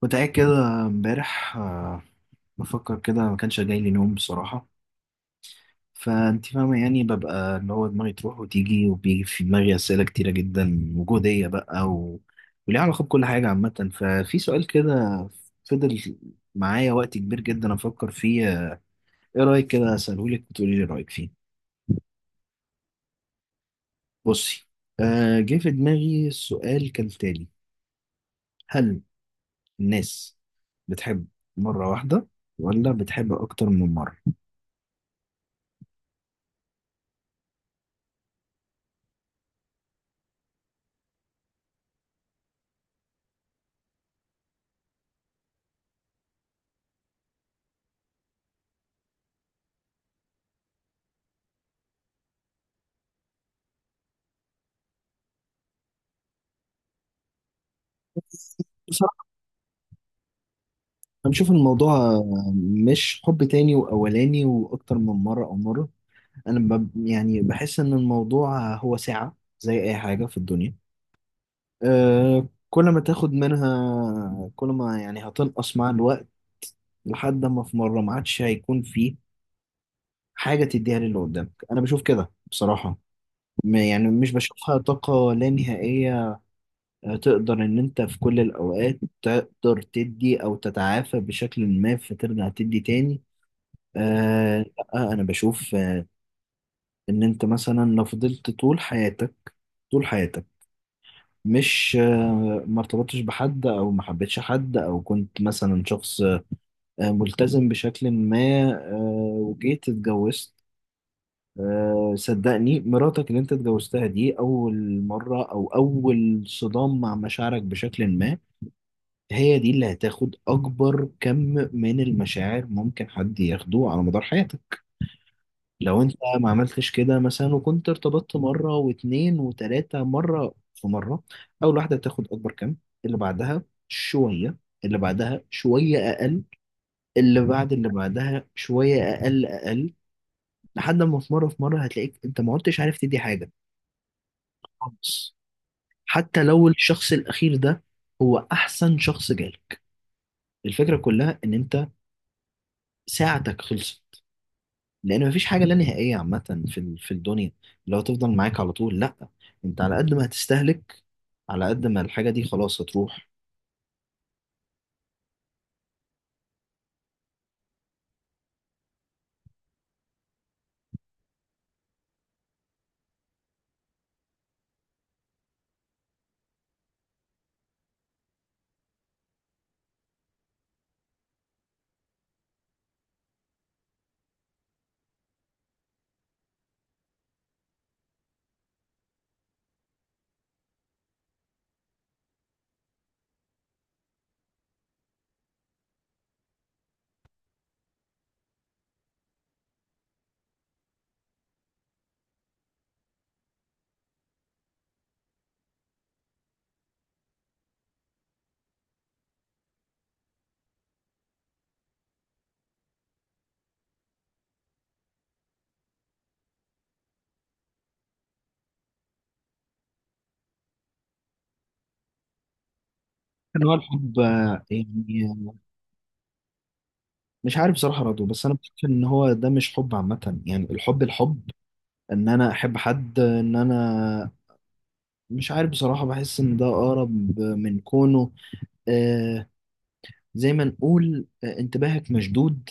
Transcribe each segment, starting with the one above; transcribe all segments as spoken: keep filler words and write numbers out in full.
كنت قاعد كده امبارح آه، بفكر كده ما كانش جاي لي نوم بصراحة. فانت فاهمة يعني ببقى اللي هو دماغي تروح وتيجي وبيجي في دماغي أسئلة كتيرة جدا وجودية بقى و... وليها علاقة بكل حاجة عامة. ففي سؤال كده فضل معايا وقت كبير جدا أفكر فيه، آه، إيه رأيك كده أسألهولك وتقولي لي رأيك فيه؟ بصي، آه، جه في دماغي السؤال كالتالي: هل الناس بتحب مرة واحدة ولا بتحب أكتر من مرة؟ أنا بشوف إن الموضوع مش حب تاني وأولاني وأكتر من مرة أو مرة. أنا ب... يعني بحس إن الموضوع هو ساعة زي أي حاجة في الدنيا. أه كل ما تاخد منها كل ما يعني هتنقص مع الوقت لحد ما في مرة ما عادش هيكون فيه حاجة تديها للي قدامك. أنا بشوف كده بصراحة، م- يعني مش بشوفها طاقة لا نهائية. آه، تقدر إن أنت في كل الأوقات تقدر تدي أو تتعافى بشكل ما فترجع تدي تاني. آه لا، انا بشوف، آه، ان انت مثلا لو فضلت طول حياتك طول حياتك، مش آه، ما ارتبطتش بحد او ما حبيتش حد او كنت مثلا شخص، آه، ملتزم بشكل ما، آه، وجيت اتجوزت. آه، صدقني مراتك اللي انت اتجوزتها دي اول مرة او اول صدام مع مشاعرك بشكل ما. هي دي اللي هتاخد اكبر كم من المشاعر ممكن حد ياخده على مدار حياتك. لو انت ما عملتش كده مثلا وكنت ارتبطت مرة واتنين وتلاتة مرة في مرة، اول واحدة تاخد اكبر كم، اللي بعدها شوية، اللي بعدها شوية اقل، اللي بعد اللي بعدها شوية اقل اقل، لحد ما في مرة في مرة هتلاقيك انت ما عدتش عارف تدي حاجة خالص. حتى لو الشخص الاخير ده هو احسن شخص جالك، الفكرة كلها ان انت ساعتك خلصت. لان مفيش حاجه لا نهائيه عامه في ال- في الدنيا اللي هو تفضل معاك على طول. لا، انت على قد ما هتستهلك، على قد ما الحاجه دي خلاص هتروح. كان هو الحب، آه، يعني مش عارف بصراحه رضو. بس انا بشوف ان هو ده مش حب عامه. يعني الحب، الحب ان انا احب حد ان انا مش عارف بصراحه، بحس ان ده اقرب من كونه، آه زي ما نقول، آه، انتباهك مشدود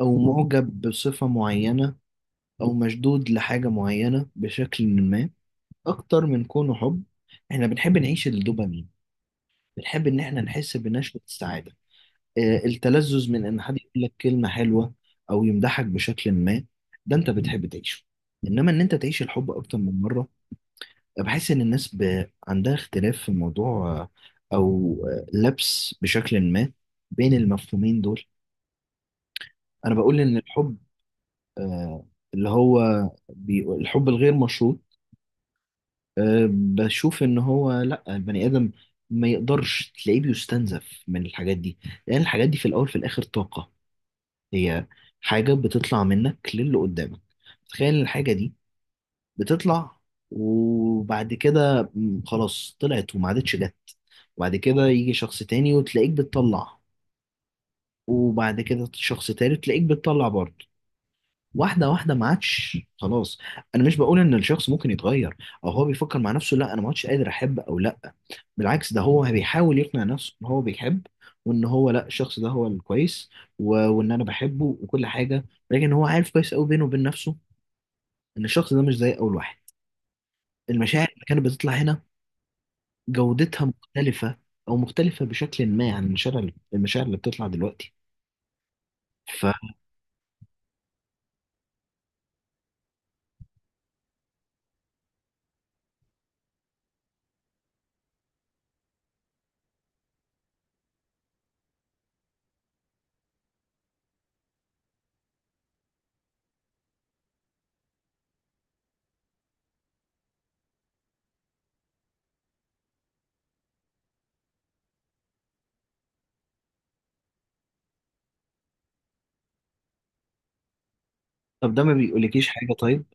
او معجب بصفه معينه او مشدود لحاجه معينه بشكل ما، اكتر من كونه حب. احنا بنحب نعيش الدوبامين، بنحب ان احنا نحس بنشوة السعادة. آه، التلذذ من ان حد يقول لك كلمة حلوة او يمدحك بشكل ما، ده انت بتحب تعيشه. انما ان انت تعيش الحب اكتر من مرة، بحس ان الناس ب... عندها اختلاف في موضوع، آه، او آه، لبس بشكل ما بين المفهومين دول. انا بقول ان الحب، آه، اللي هو بي... الحب الغير مشروط. أه بشوف ان هو لا، البني ادم ما يقدرش تلاقيه بيستنزف من الحاجات دي، لان الحاجات دي في الاول في الاخر طاقة. هي حاجة بتطلع منك للي قدامك. تخيل الحاجة دي بتطلع، وبعد كده م، خلاص طلعت وما عادتش جت. وبعد كده يجي شخص تاني وتلاقيك بتطلع، وبعد كده شخص تالت تلاقيك بتطلع برضه. واحده واحده ما عادش خلاص. انا مش بقول ان الشخص ممكن يتغير او هو بيفكر مع نفسه لا انا ما عادش قادر احب او لا. بالعكس، ده هو بيحاول يقنع نفسه ان هو بيحب، وان هو لا الشخص ده هو الكويس و... وان انا بحبه وكل حاجه. لكن هو عارف كويس قوي بينه وبين نفسه ان الشخص ده مش زي اول واحد. المشاعر اللي كانت بتطلع هنا جودتها مختلفه، او مختلفه بشكل ما عن المشاعر المشاعر اللي بتطلع دلوقتي. ف طب ده ما بيقولكيش حاجه؟ طيب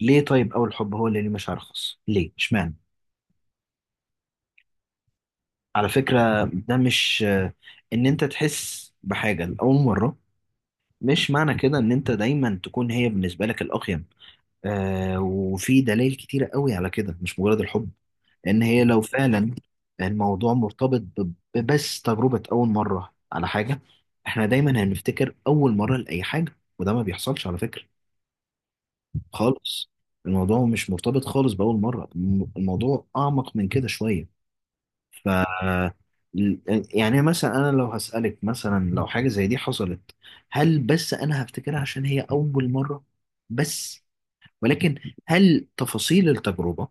ليه طيب اول حب هو اللي ليه مشاعر خاصه؟ ليه اشمعنى؟ على فكرة ده مش إن أنت تحس بحاجة لأول مرة، مش معنى كده إن أنت دايما تكون هي بالنسبة لك الأقيم. آه، وفي دلائل كتيرة قوي على كده، مش مجرد الحب. إن هي لو فعلا الموضوع مرتبط ب- ببس تجربة أول مرة على حاجة، إحنا دايما هنفتكر أول مرة لأي حاجة. وده ما بيحصلش على فكرة خالص. الموضوع مش مرتبط خالص بأول مرة، الم- الموضوع أعمق من كده شوية. ف يعني مثلا انا لو هسألك مثلا لو حاجة زي دي حصلت، هل بس انا هفتكرها عشان هي اول مرة بس؟ ولكن هل تفاصيل التجربة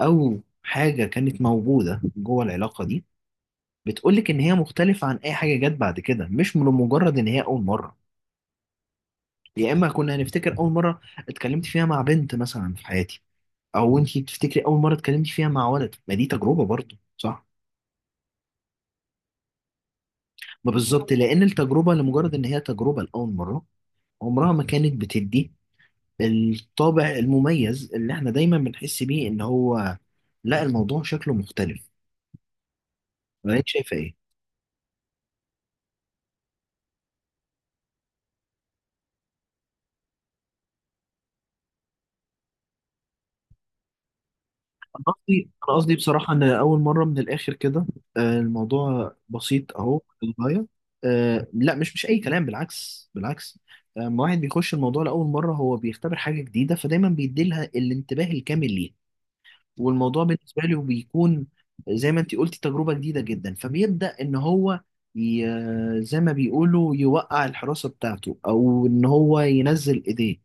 او حاجة كانت موجودة جوه العلاقة دي بتقولك ان هي مختلفة عن اي حاجة جت بعد كده، مش من مجرد ان هي اول مرة؟ يا اما كنا هنفتكر اول مرة اتكلمت فيها مع بنت مثلا في حياتي، او انتي بتفتكري اول مرة اتكلمتي فيها مع ولد، ما دي تجربة برضه صح؟ ما بالظبط، لأن التجربة لمجرد إن هي تجربة لأول مرة عمرها ما كانت بتدي الطابع المميز اللي إحنا دايما بنحس بيه إن هو لا الموضوع شكله مختلف. ولا أنت شايفة إيه؟ أنا قصدي أنا قصدي بصراحة إن أول مرة من الآخر كده، آه، الموضوع بسيط أهو للغاية. آه، لا، مش مش أي كلام، بالعكس، بالعكس. آه، لما واحد بيخش الموضوع لأول مرة هو بيختبر حاجة جديدة، فدايما بيديلها الانتباه الكامل ليها. والموضوع بالنسبة له بيكون زي ما انت قلتي تجربة جديدة جدا. فبيبدأ ان هو ي... زي ما بيقولوا يوقع الحراسة بتاعته او ان هو ينزل ايديه.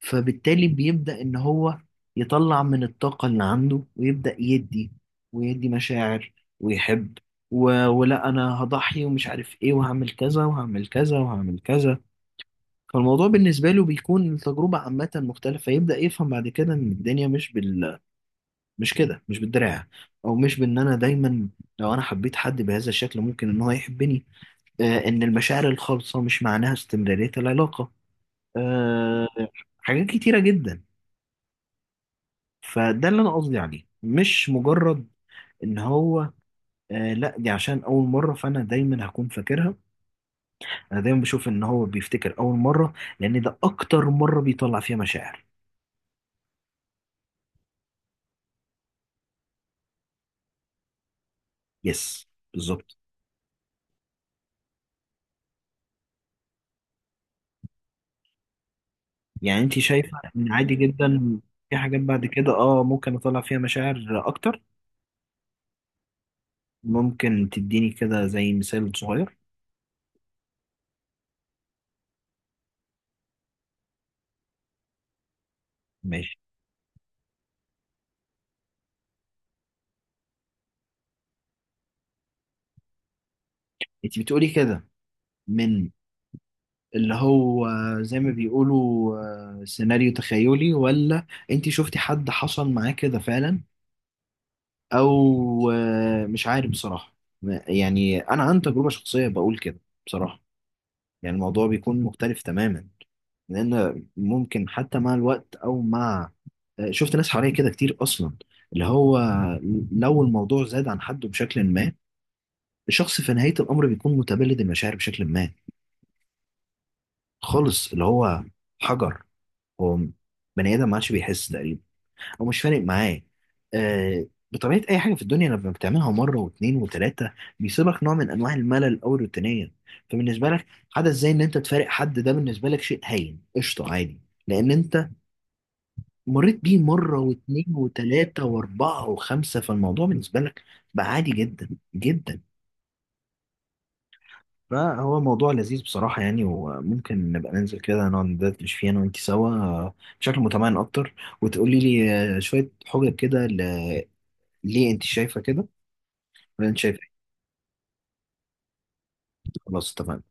فبالتالي بيبدأ ان هو يطلع من الطاقة اللي عنده ويبدأ يدي، ويدي مشاعر، ويحب و... ولا انا هضحي ومش عارف ايه وهعمل كذا وهعمل كذا وهعمل كذا. فالموضوع بالنسبة له بيكون التجربة عامة مختلفة. يبدأ يفهم بعد كده ان الدنيا مش بال، مش كده، مش بالدراع، او مش بان انا دايما لو انا حبيت حد بهذا الشكل ممكن ان هو يحبني. آه ان المشاعر الخالصه مش معناها استمراريه العلاقه، آه حاجات كتيره جدا. فده اللي انا قصدي عليه، مش مجرد ان هو آه لا دي عشان اول مره فانا دايما هكون فاكرها. انا دايما بشوف ان هو بيفتكر اول مره لان ده اكتر مره بيطلع فيها مشاعر. يس، بالظبط. يعني انت شايفه ان عادي جدا في حاجات بعد كده اه ممكن اطلع فيها مشاعر اكتر؟ ممكن تديني كده زي مثال صغير؟ ماشي. انت بتقولي كده من اللي هو زي ما بيقولوا، آه، سيناريو تخيلي، ولا انت شفتي حد حصل معاه كده فعلا؟ او آه، مش عارف بصراحة. ما- يعني انا عن تجربة شخصية بقول كده بصراحة، يعني الموضوع بيكون مختلف تماما. لان ممكن حتى مع الوقت او مع، آه، شفت ناس حواليا كده كتير اصلا اللي هو لو الموضوع زاد عن حده بشكل ما، الشخص في نهاية الأمر بيكون متبلد المشاعر بشكل ما خالص. اللي هو حجر، هو بني آدم ما عادش بيحس تقريبا، أو مش فارق معاه. آه بطبيعة أي حاجة في الدنيا لما بتعملها مرة واتنين وتلاتة، بيصيبك نوع من أنواع الملل أو الروتينية. فبالنسبة لك حدث زي إن أنت تفارق حد، ده بالنسبة لك شيء هين قشطة عادي. لأن أنت مريت بيه مرة واتنين وتلاتة وأربعة وخمسة، فالموضوع بالنسبة لك بقى عادي جدا جدا. فهو موضوع لذيذ بصراحة يعني. وممكن نبقى ننزل كده نقعد ندردش فيه أنا وأنت سوا، آه، بشكل متمعن أكتر، وتقولي لي آه، شوية حجج كده، ل- ليه أنت شايفة كده ولا أنت شايفة إيه؟ خلاص اتفقنا.